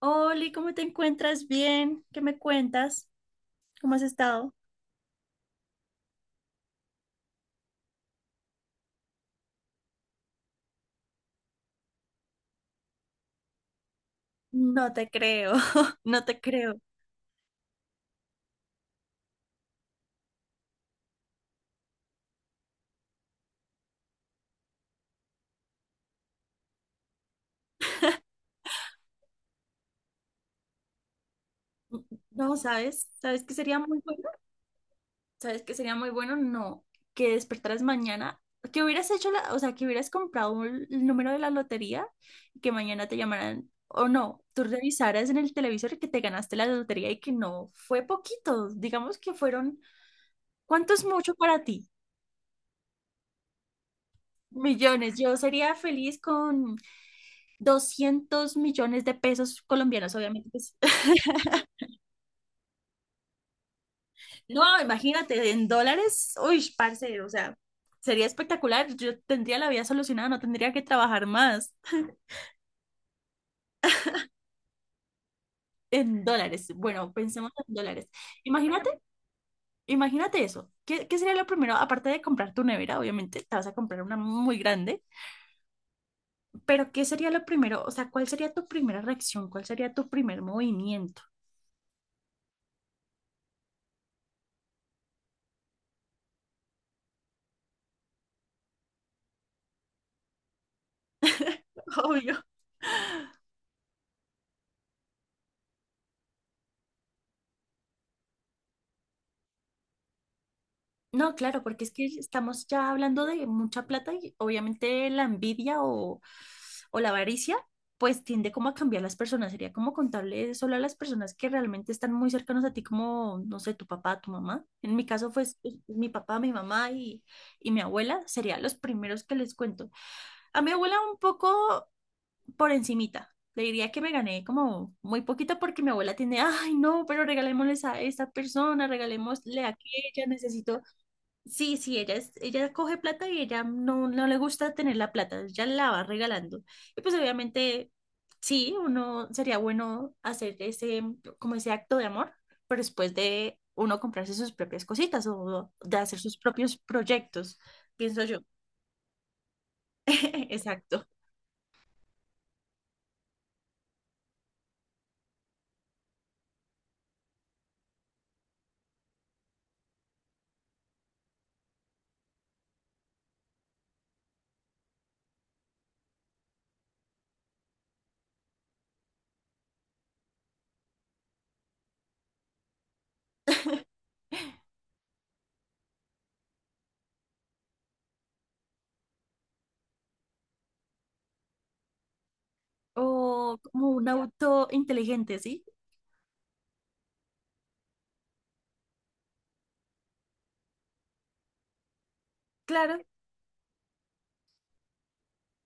Oli, ¿cómo te encuentras? Bien, ¿qué me cuentas? ¿Cómo has estado? No te creo, no te creo. Mm. No, ¿sabes? ¿Sabes qué sería muy bueno? ¿Sabes qué sería muy bueno? No, que despertaras mañana, que hubieras hecho que hubieras comprado el número de la lotería y que mañana te llamaran, o no, tú revisaras en el televisor que te ganaste la lotería y que no fue poquito, digamos que fueron, ¿cuánto es mucho para ti? Millones. Yo sería feliz con 200 millones de pesos colombianos, obviamente pues. No, imagínate, en dólares, uy, parce, o sea, sería espectacular. Yo tendría la vida solucionada, no tendría que trabajar más en dólares. Bueno, pensemos en dólares. Imagínate, imagínate eso. ¿Qué sería lo primero? Aparte de comprar tu nevera, obviamente, te vas a comprar una muy grande, pero ¿qué sería lo primero? O sea, ¿cuál sería tu primera reacción? ¿Cuál sería tu primer movimiento? Obvio. No, claro, porque es que estamos ya hablando de mucha plata y obviamente la envidia o la avaricia, pues tiende como a cambiar las personas. Sería como contarle solo a las personas que realmente están muy cercanos a ti, como, no sé, tu papá, tu mamá. En mi caso fue mi papá, mi mamá y mi abuela, serían los primeros que les cuento. A mi abuela un poco por encimita. Le diría que me gané como muy poquito porque mi abuela tiene, ay, no, pero regalémosles a esta persona, regalémosle a aquella, necesito. Sí, sí, ella, ella coge plata y ella no, no le gusta tener la plata, ella la va regalando. Y pues obviamente, sí, uno sería bueno hacer ese, como ese acto de amor, pero después de uno comprarse sus propias cositas o de hacer sus propios proyectos, pienso yo. Exacto. ¿O como un auto inteligente, sí? Claro.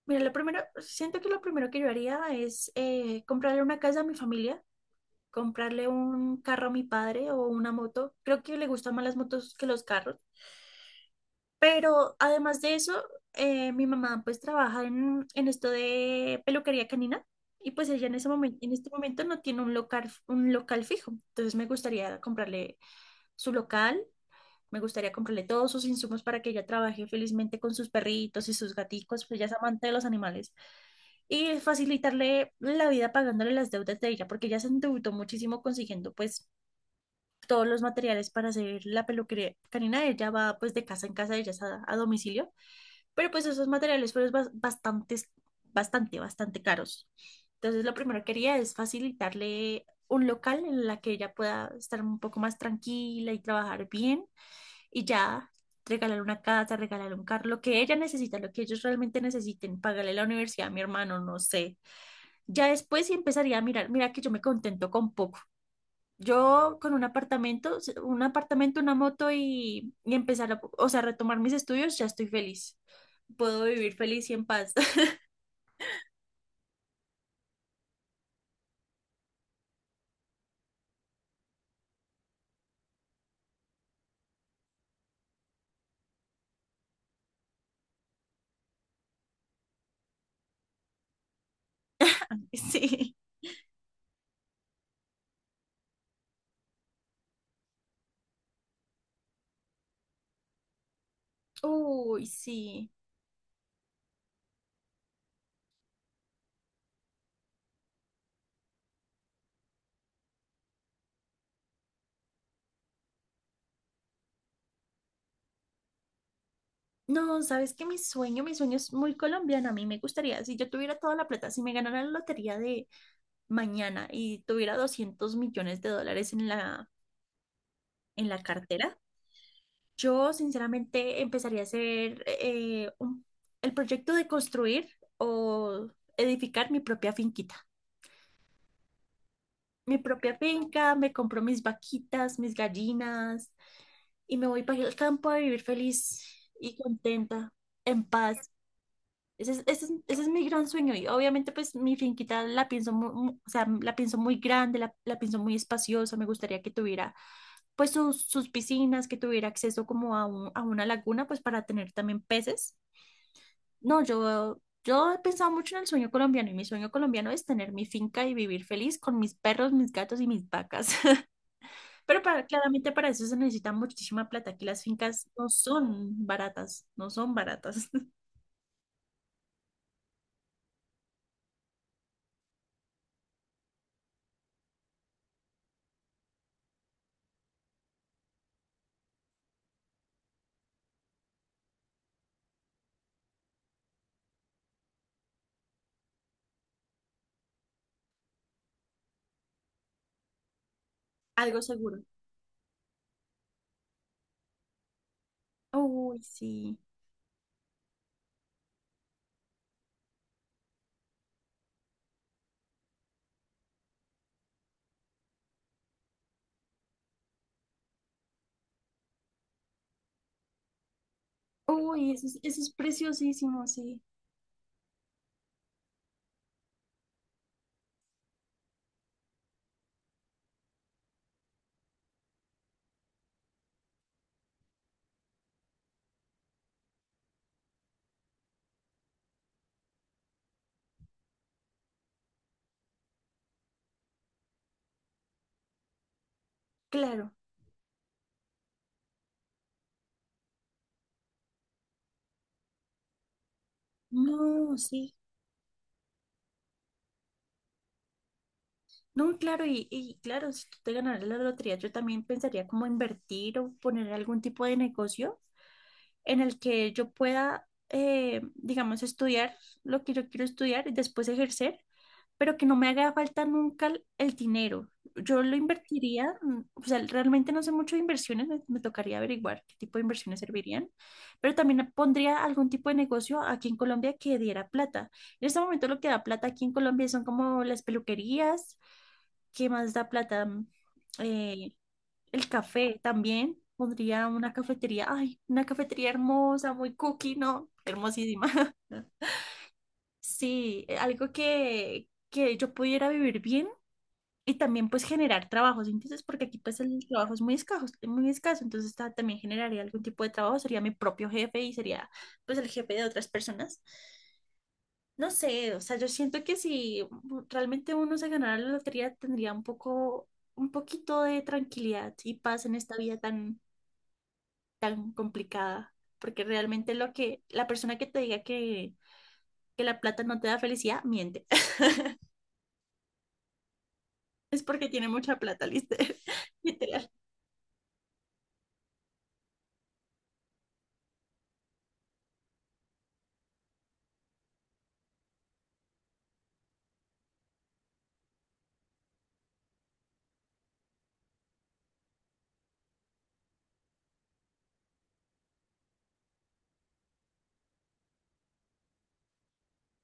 Mira, lo primero, siento que lo primero que yo haría es comprarle una casa a mi familia, comprarle un carro a mi padre o una moto. Creo que le gustan más las motos que los carros. Pero además de eso, mi mamá pues trabaja en esto de peluquería canina y pues ella en ese momento, en este momento no tiene un local fijo. Entonces me gustaría comprarle su local, me gustaría comprarle todos sus insumos para que ella trabaje felizmente con sus perritos y sus gaticos, pues ella es amante de los animales y facilitarle la vida pagándole las deudas de ella, porque ella se endeudó muchísimo consiguiendo pues todos los materiales para hacer la peluquería canina. Ella va pues de casa en casa, ella es a domicilio, pero pues esos materiales fueron bastantes, bastante, bastante caros. Entonces lo primero que quería es facilitarle un local en la que ella pueda estar un poco más tranquila y trabajar bien y ya regalar una casa, regalar un carro, lo que ella necesita, lo que ellos realmente necesiten, pagarle la universidad a mi hermano, no sé. Ya después sí empezaría a mirar, mira que yo me contento con poco. Yo con un apartamento, una moto y empezar retomar mis estudios, ya estoy feliz. Puedo vivir feliz y en paz. Sí. Uy, sí. No, sabes que mi sueño es muy colombiano. A mí me gustaría, si yo tuviera toda la plata, si me ganara la lotería de mañana y tuviera 200 millones de dólares en en la cartera, yo sinceramente empezaría a hacer el proyecto de construir o edificar mi propia finquita. Mi propia finca, me compro mis vaquitas, mis gallinas y me voy para el campo a vivir feliz y contenta, en paz. Ese es mi gran sueño y obviamente pues mi finquita la pienso la pienso muy grande, la pienso muy espaciosa, me gustaría que tuviera pues sus piscinas, que tuviera acceso como a una laguna pues para tener también peces. No, yo he pensado mucho en el sueño colombiano y mi sueño colombiano es tener mi finca y vivir feliz con mis perros, mis gatos y mis vacas. Pero para, claramente para eso se necesita muchísima plata, que las fincas no son baratas, no son baratas. Algo seguro. Uy, sí. Uy, eso es preciosísimo, sí. Claro. No, sí. No, claro, y claro, si tú te ganaras la lotería, yo también pensaría como invertir o poner algún tipo de negocio en el que yo pueda, digamos, estudiar lo que yo quiero estudiar y después ejercer pero que no me haga falta nunca el dinero. Yo lo invertiría, mm, o sea, realmente no sé mucho de inversiones, me tocaría averiguar qué tipo de inversiones servirían, pero también pondría algún tipo de negocio aquí en Colombia que diera plata. En este momento lo que da plata aquí en Colombia son como las peluquerías, ¿qué más da plata? Eh, el café también, pondría una cafetería, ay, una cafetería hermosa, muy cookie, ¿no? Hermosísima. Sí, algo que yo pudiera vivir bien y también pues generar trabajos, entonces porque aquí pues el trabajo es muy escaso, entonces también generaría algún tipo de trabajo, sería mi propio jefe y sería pues el jefe de otras personas. No sé, o sea, yo siento que si realmente uno se ganara la lotería tendría un poco, un poquito de tranquilidad y paz en esta vida tan, tan complicada, porque realmente lo que, la persona que te diga que la plata no te da felicidad, miente, es porque tiene mucha plata, literal. Literal.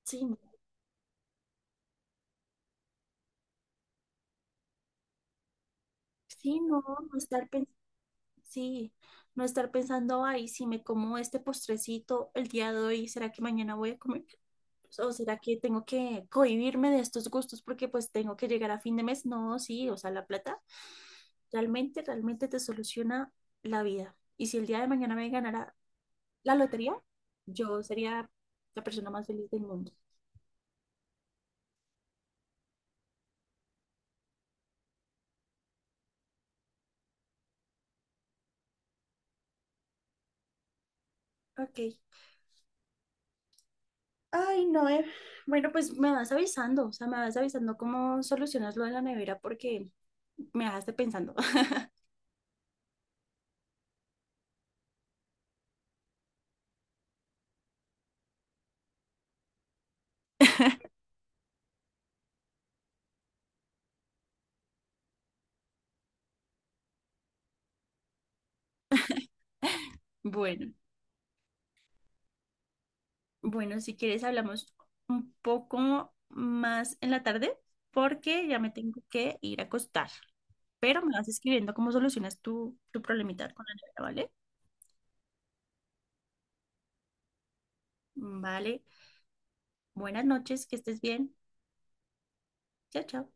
Sí. Sí, no, no estar pensando. Sí, no estar pensando, ay, si me como este postrecito el día de hoy, ¿será que mañana voy a comer? ¿O será que tengo que cohibirme de estos gustos porque pues tengo que llegar a fin de mes? No, sí, o sea, la plata realmente, realmente te soluciona la vida. Y si el día de mañana me ganara la lotería, yo sería la persona más feliz del mundo. Ok. Ay, no, eh. Bueno, pues me vas avisando, o sea, me vas avisando cómo solucionas lo de la nevera porque me dejaste pensando. Bueno. Bueno, si quieres hablamos un poco más en la tarde porque ya me tengo que ir a acostar. Pero me vas escribiendo cómo solucionas tu problemita con la nevera, ¿vale? Vale. Buenas noches, que estés bien. Chao, chao.